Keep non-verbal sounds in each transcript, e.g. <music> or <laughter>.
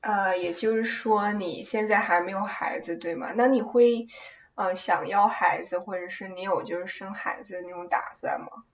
也就是说你现在还没有孩子，对吗？那你会，想要孩子，或者是你有生孩子的那种打算吗？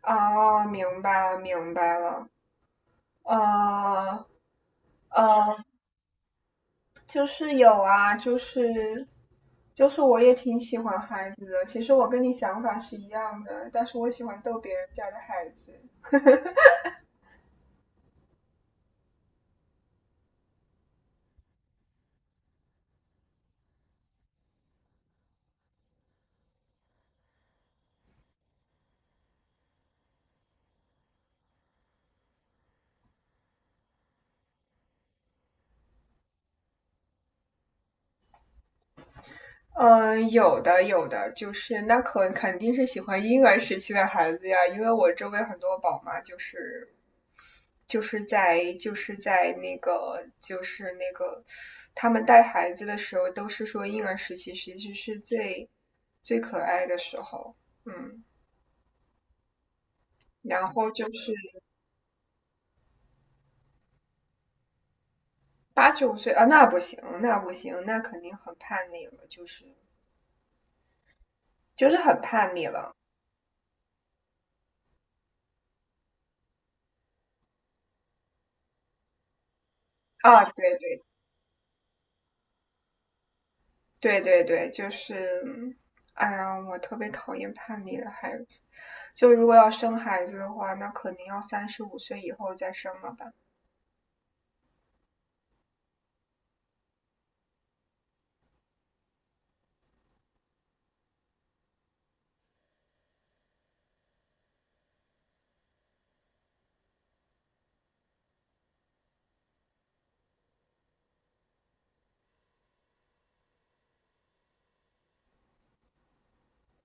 啊，明白了，明白了。呃呃，就是有啊，就是我也挺喜欢孩子的。其实我跟你想法是一样的，但是我喜欢逗别人家的孩子。嗯，有的有的，就是那可肯定是喜欢婴儿时期的孩子呀，因为我周围很多宝妈就是就是在就是在那个就是那个，他们带孩子的时候都是说婴儿时期其实是最可爱的时候。嗯，然后就是8、9岁啊，那不行，那不行，那肯定很叛逆了，就是很叛逆了。啊，对对对，就是，哎呀，我特别讨厌叛逆的孩子。就如果要生孩子的话，那肯定要三十五岁以后再生了吧？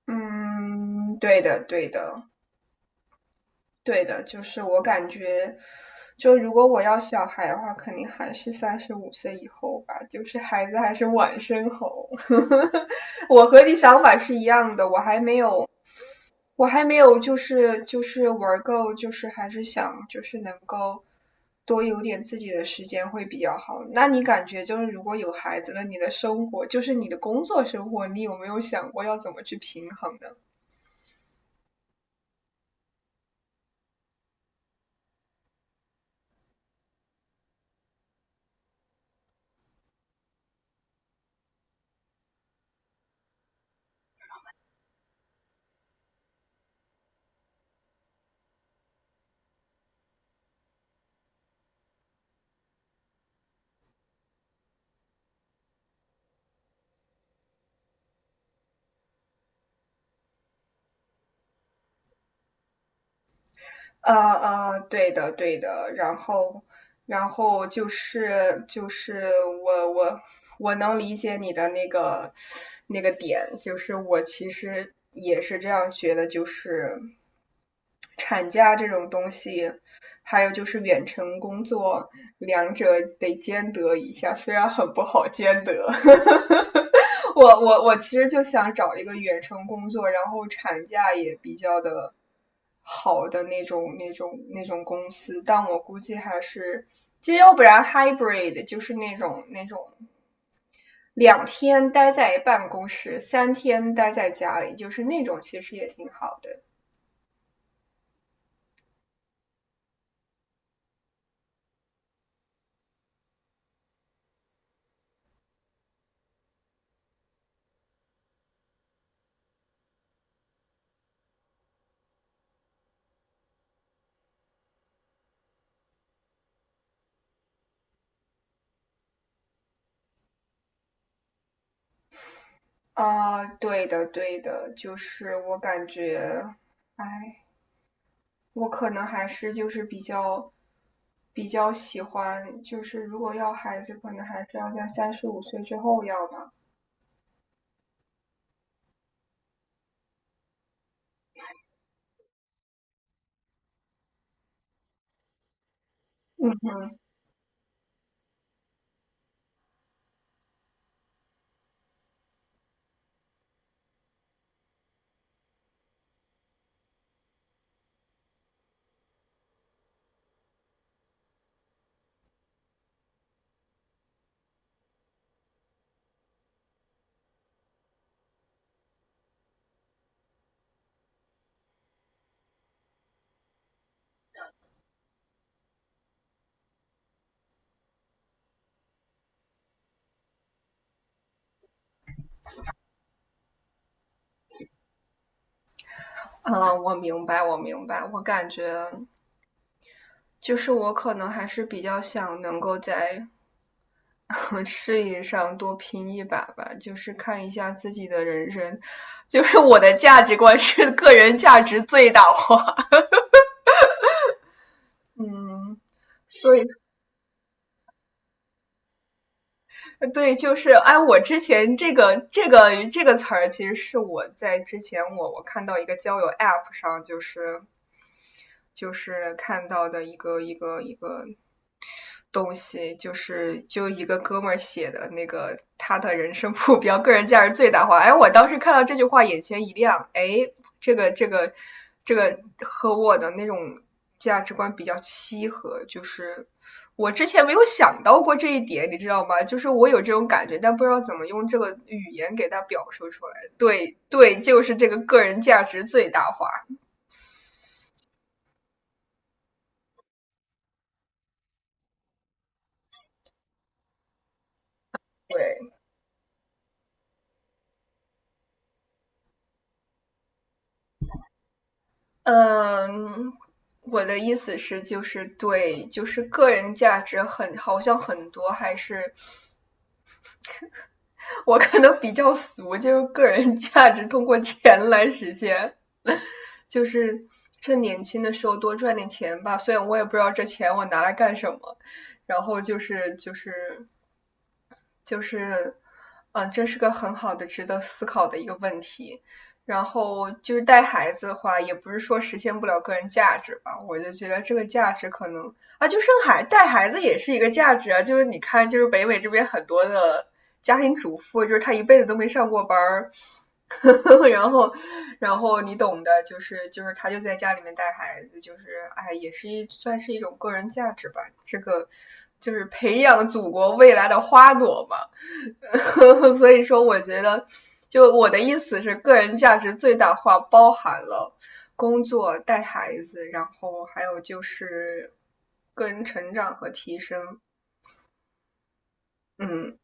嗯，对的，对的，对的，就是我感觉，就如果我要小孩的话，肯定还是三十五岁以后吧，就是孩子还是晚生好。<laughs> 我和你想法是一样的，我还没有就是玩够，就是还是想就是能够多有点自己的时间会比较好。那你感觉就是如果有孩子了，你的生活就是你的工作生活，你有没有想过要怎么去平衡呢？对的对的，然后就是我我能理解你的那个那个点，就是我其实也是这样觉得，就是产假这种东西，还有就是远程工作，两者得兼得一下，虽然很不好兼得。<laughs> 我其实就想找一个远程工作，然后产假也比较的好的那种公司，但我估计还是，就要不然 hybrid 就是那种2天待在办公室，3天待在家里，就是那种其实也挺好的。啊、对的对的，就是我感觉，哎，我可能还是就是比较喜欢，就是如果要孩子，可能还是要在三十五岁之后要吧。嗯，我明白，我明白，我感觉就是我可能还是比较想能够在 <laughs> 事业上多拼一把吧，就是看一下自己的人生，就是我的价值观是个人价值最大化。嗯，所以对，就是哎，我之前这个词儿，其实是我在之前我看到一个交友 App 上，就是看到的一个东西，就是就一个哥们儿写的那个他的人生目标、个人价值最大化。哎，我当时看到这句话，眼前一亮。哎，这个这个这个和我的那种价值观比较契合，就是我之前没有想到过这一点，你知道吗？就是我有这种感觉，但不知道怎么用这个语言给他表述出来。对对，就是这个个人价值最大化。对，嗯，我的意思是，就是对，就是个人价值很，好像很多还是我可能比较俗，就是个人价值通过钱来实现。<laughs> 就是趁年轻的时候多赚点钱吧。虽然我也不知道这钱我拿来干什么，然后就是就是就是，嗯，这是个很好的、值得思考的一个问题。然后就是带孩子的话，也不是说实现不了个人价值吧，我就觉得这个价值可能啊，就生孩带孩子也是一个价值啊。就是你看，就是北美这边很多的家庭主妇，就是她一辈子都没上过班儿，<laughs> 然后，然后你懂的，就是他就在家里面带孩子，就是哎，也是一算是一种个人价值吧。这个就是培养祖国未来的花朵嘛。<laughs> 所以说，我觉得，就我的意思是，个人价值最大化包含了工作、带孩子，然后还有就是个人成长和提升。嗯，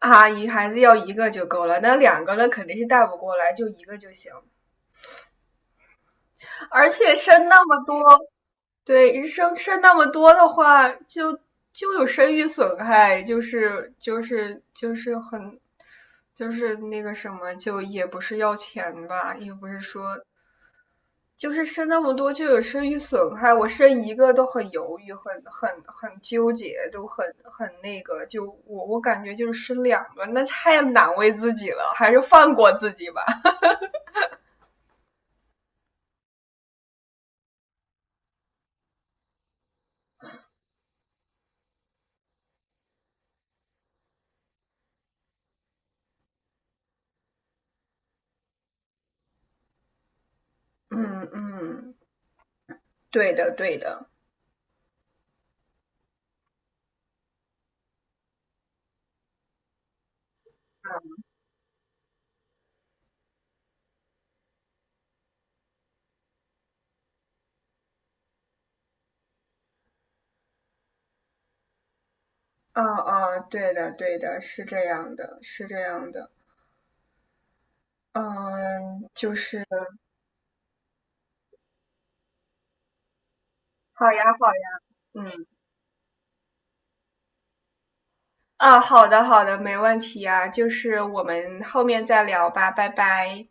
阿姨，一孩子要一个就够了，那两个呢肯定是带不过来，就一个就行。而且生那么多，对，生那么多的话，就就有生育损害，就是很，就是那个什么，就也不是要钱吧，也不是说，就是生那么多就有生育损害，我生一个都很犹豫，很纠结，都很那个，就我感觉就是生两个，那太难为自己了，还是放过自己吧。嗯嗯，对的对的。啊啊，对的，对的，是这样的，是这样的。嗯，就是好呀，好呀，嗯，啊，好的，好的，没问题呀，就是我们后面再聊吧，拜拜。